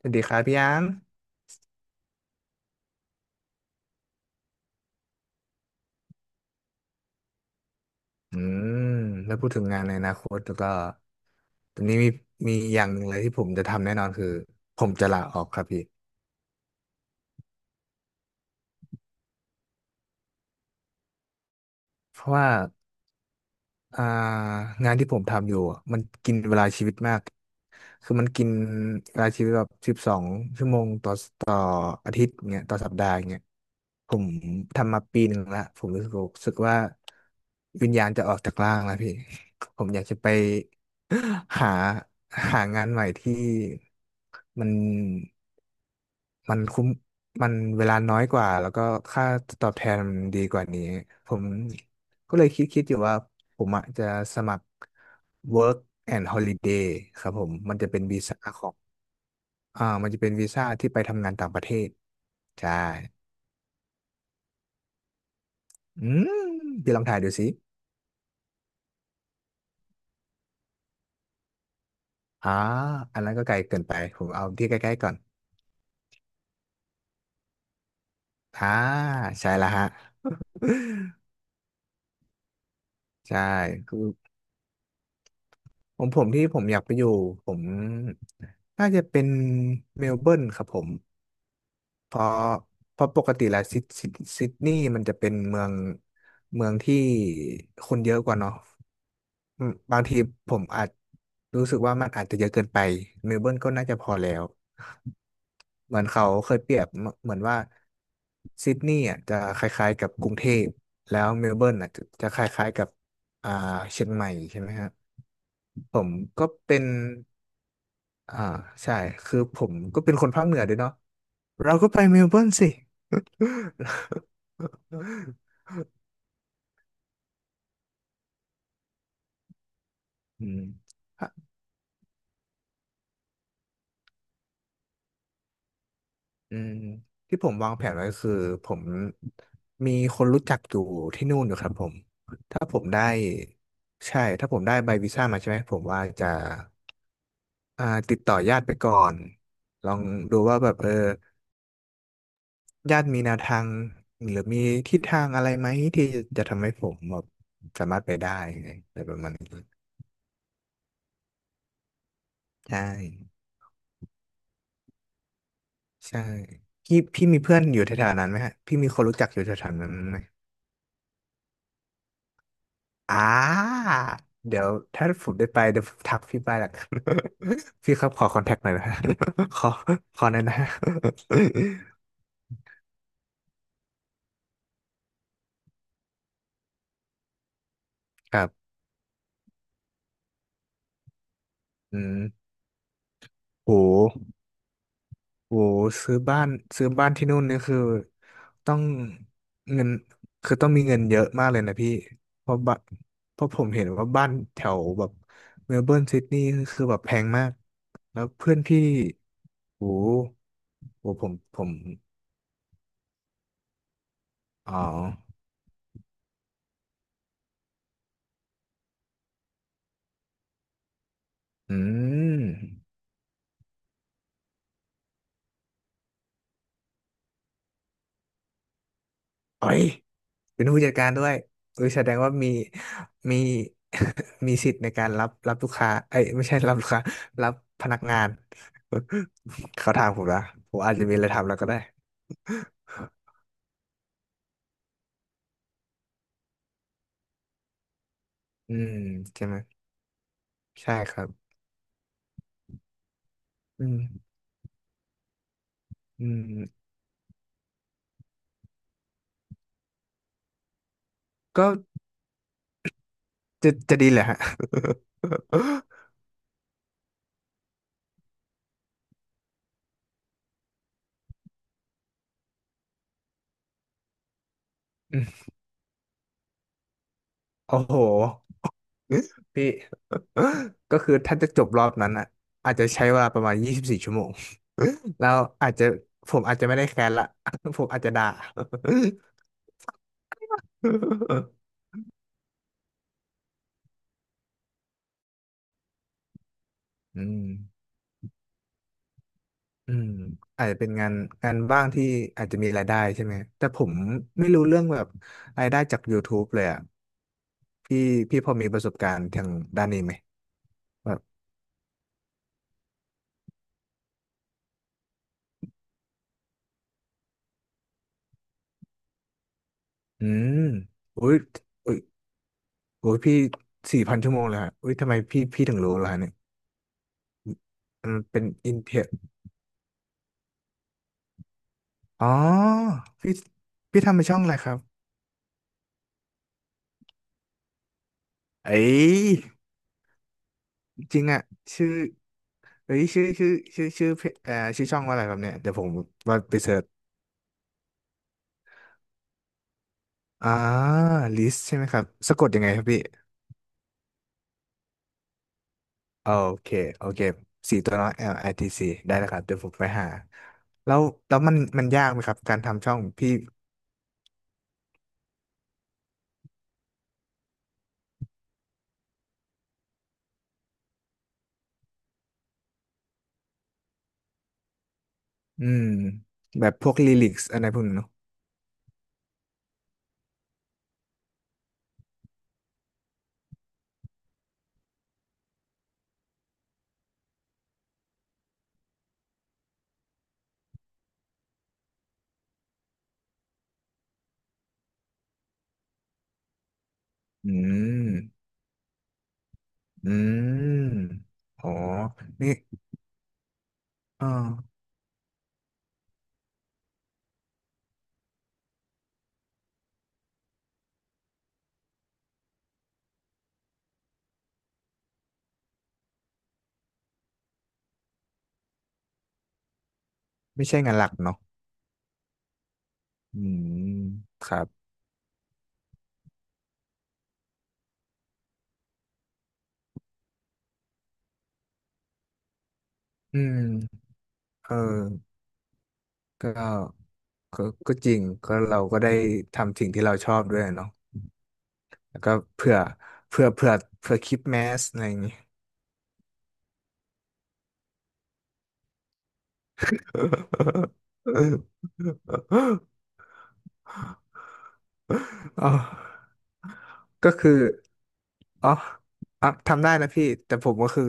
สวัสดีครับพี่ยางอืมแล้วพูดถึงงานในอนาคตแล้วก็ตอนนี้มีอย่างหนึ่งเลยที่ผมจะทำแน่นอนคือผมจะลาออกครับพี่เพราะว่าอ่างานที่ผมทำอยู่อะมันกินเวลาชีวิตมากคือมันกินเวลาชีวิตแบบ12 ชั่วโมงต่ออาทิตย์เงี้ยต่อสัปดาห์เงี้ยผมทำมาปีหนึ่งละผมรู้สึกว่าวิญญาณจะออกจากร่างแล้วพี่ ผมอยากจะไป หาหางานใหม่ที่ มันมันคุ้มมันเวลาน้อยกว่าแล้วก็ค่าตอบแทนมันดีกว่านี้ผมก็เลยคิดอยู่ว่าผมอะจะสมัคร Work and Holiday ครับผมมันจะเป็นวีซ่าของมันจะเป็นวีซ่าที่ไปทำงานต่างประเทศใช่อืมพี่ลองถ่ายดูสิอ่าอันนั้นก็ไกลเกินไปผมเอาที่ใกล้ๆก่อนอ่าใช่ละฮะ ใช่ ผมที่ผมอยากไปอยู่ผมน่าจะเป็นเมลเบิร์นครับผม เพราะเพราะปกติแล้วซิดนีย์มันจะเป็นเมืองที่คนเยอะกว่าเนาะอืมบางทีผมอาจรู้สึกว่ามันอาจจะเยอะเกินไปเมลเบิร์นก็น่าจะพอแล้วเหมือนเขาเคยเปรียบเหมือนว่าซิดนีย์อ่ะจะคล้ายๆกับกรุงเทพแล้วเมลเบิร์นอ่ะจะคล้ายๆกับอ่าเชียงใหม่ใช่ไหมฮะผมก็เป็นอ่าใช่คือผมก็เป็นคนภาคเหนือด้วยเนาะ เราก็ไปเมลเบิร์นสิ อืมอ่ะอืมที่ผมวางแผนไว้คือผมมีคนรู้จักอยู่ที่นู่นอยู่ครับผม ถ้าผมได้ ใช่ ถ้าผมได้ใบวีซ่ามาใช่ไหม ผมว่าจะติดต่อญาติไปก่อน ลองดูว่าแบบเออญาติมีแนวทางหรือมีทิศทางอะไรไหมที่จะทำให้ผมแบบสามารถไปได้อะไรประมาณนี้ใช่ ใช่พี่มีเพื่อนอยู่แถวๆนั้นไหมฮะพี่มีคนรู้จักอยู่แถวๆนั้นไหมอ่าเดี๋ยวถ้าผมได้ไปเดี๋ยวผมทักพี่ไปละกัน พี่ครับขอคอนแทคหน่อยนะฮะ ขอขอหน่อยนะฮะ ครับอืมโห โอ้ซื้อบ้านที่นู่นนี่คือต้องเงินคือต้องมีเงินเยอะมากเลยนะพี่เพราะบ้านเพราะผมเห็นว่าบ้านแถวแบบเมลเบิร์นซิดนีย์คือแบบแพงมากแล้วเพื่อนพี่โอ้โหโอ้ผมอ๋ออืมเอ้ย เป็นผู้จัดการด้วยอุ้ยแสดงว่ามี มีสิทธิ์ในการรับลูกค้าเอ้ยไม่ใช่ รับลูกค้ารับพนักงาน เขาถามผมละผมอาจจะมีอะไรทำแล้วก็ได้อืมใช่ไหมใช่ครับอืมอืมก็จะดีแหละฮะ อืมโอ้โหพี่ ก็คือถ้าจะจบรอบนั้นอ่ะอาจจะใช้เวลาประมาณ24 ชั่วโมงแล้วอาจจะผมอาจจะไม่ได้แคร์ละ ผมอาจจะด่า อืมอืมอาจจะเป็นงานงานบ้างที่อาจจะมีรายได้ใช่ไหมแต่ผมไม่รู้เรื่องแบบรายได้จาก YouTube เลยอ่ะพี่พี่พอมีประสบการณ์ทางด้านนี้ไหมแบบอืมอุ้ยอุ้ยอุ้ยพี่4,000 ชั่วโมงเลยฮะอุ้ยทำไมพี่ถึงรู้ล่ะเนี่ยมันเป็นอินเทอร์อ๋อพี่พี่ทำเป็นช่องอะไรครับเอ้ยจริงอ่ะชื่อเอ้ยชื่อชื่อชื่อชื่อเพจเอ่อชื่อช่องว่าอะไรครับเนี่ยเดี๋ยวผมว่าไปเสิร์ช อ่า list ใช่ไหมครับสะกดยังไงครับพี่ โอเค โอเค4 ตัวน้อย L I T C ได้แล้วครับเดี๋ยวผมไปหา แล้วแล้วมันยากไหมครับการทำช่องพี่อืมแบบพวกลิลิกส์อะไรพวกนี้เนอะอืมอืมอ๋อ นี่เออไม่ใช่งานหลักเนาะอืมครับอืมเออก็ก็ก็จริงก็เราก็ได้ทำสิ่งที่เราชอบด้วยเนาะ แล้วก็เผื่อเผื่อเผื่อเผื่อคลิปแมสอะไรอย่างงี้ อ๋อก็คืออ๋ออ่ะทำได้นะพี่ แต่ผมก็คือ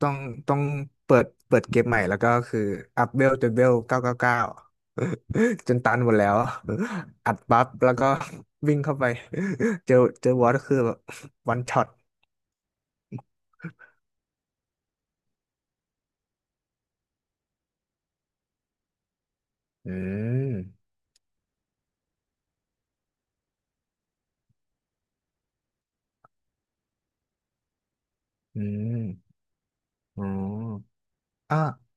ต้องต้องเปิดเกมใหม่ แล้วก็คืออัพเวลจนเวล999 จนตันหมดแล้ว อัดบัฟแล้วก็วิ่งเข้าไป เจอเจอบอสก็คือแบบวันช็อตอืมอืมอ๋ออ่า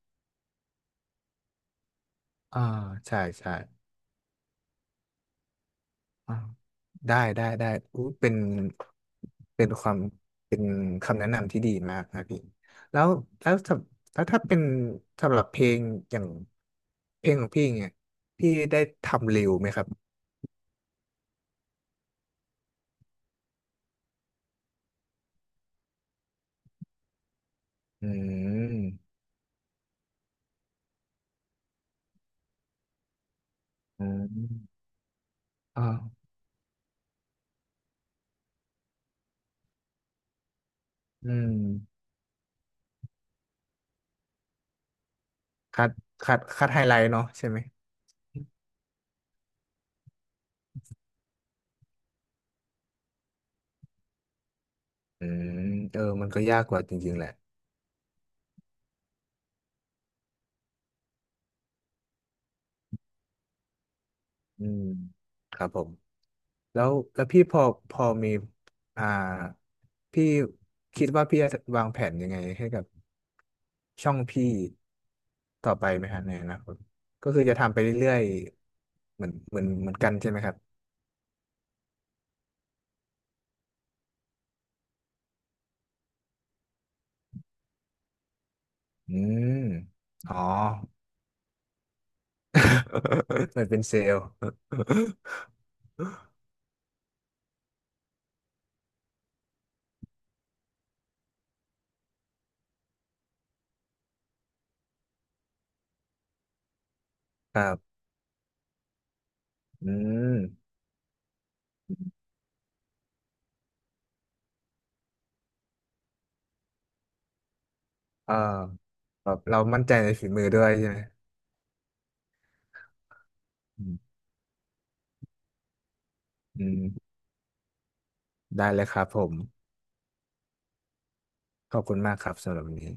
อ่าใช่ใช่ อ่ะได้ได้ได้อู้เป็นเป็นความเป็นคำแนะนำที่ดีมากนะพี่แล้วถ้าเป็นสำหรับเพลงอย่างเพลงของพี่เนี่ยพี่ได้ทำเร็วไหมครับอืมอืมอ่าอืมคัดคัดไฮไลท์เนาะใช่ไหมอืมเออมันก็ยากกว่าจริงๆแหละอืมครับผม แล้วพี่พอมีอ่าพี่คิดว่าพี่จะวางแผนยังไงให้กับช่องพี่ต่อไปไหมครับในอนาคตก็คือจะทำไปเรื่อยๆเหมือนกันใช่ไหมครับอืมอ๋อ เหมือนเป็นเซลล์ครับอืมเออแบบเรามั่นใจในฝีมือด้วยใช่ไหมอืมอืมได้เลยครับผมขอบคุณมากครับสำหรับวันนี้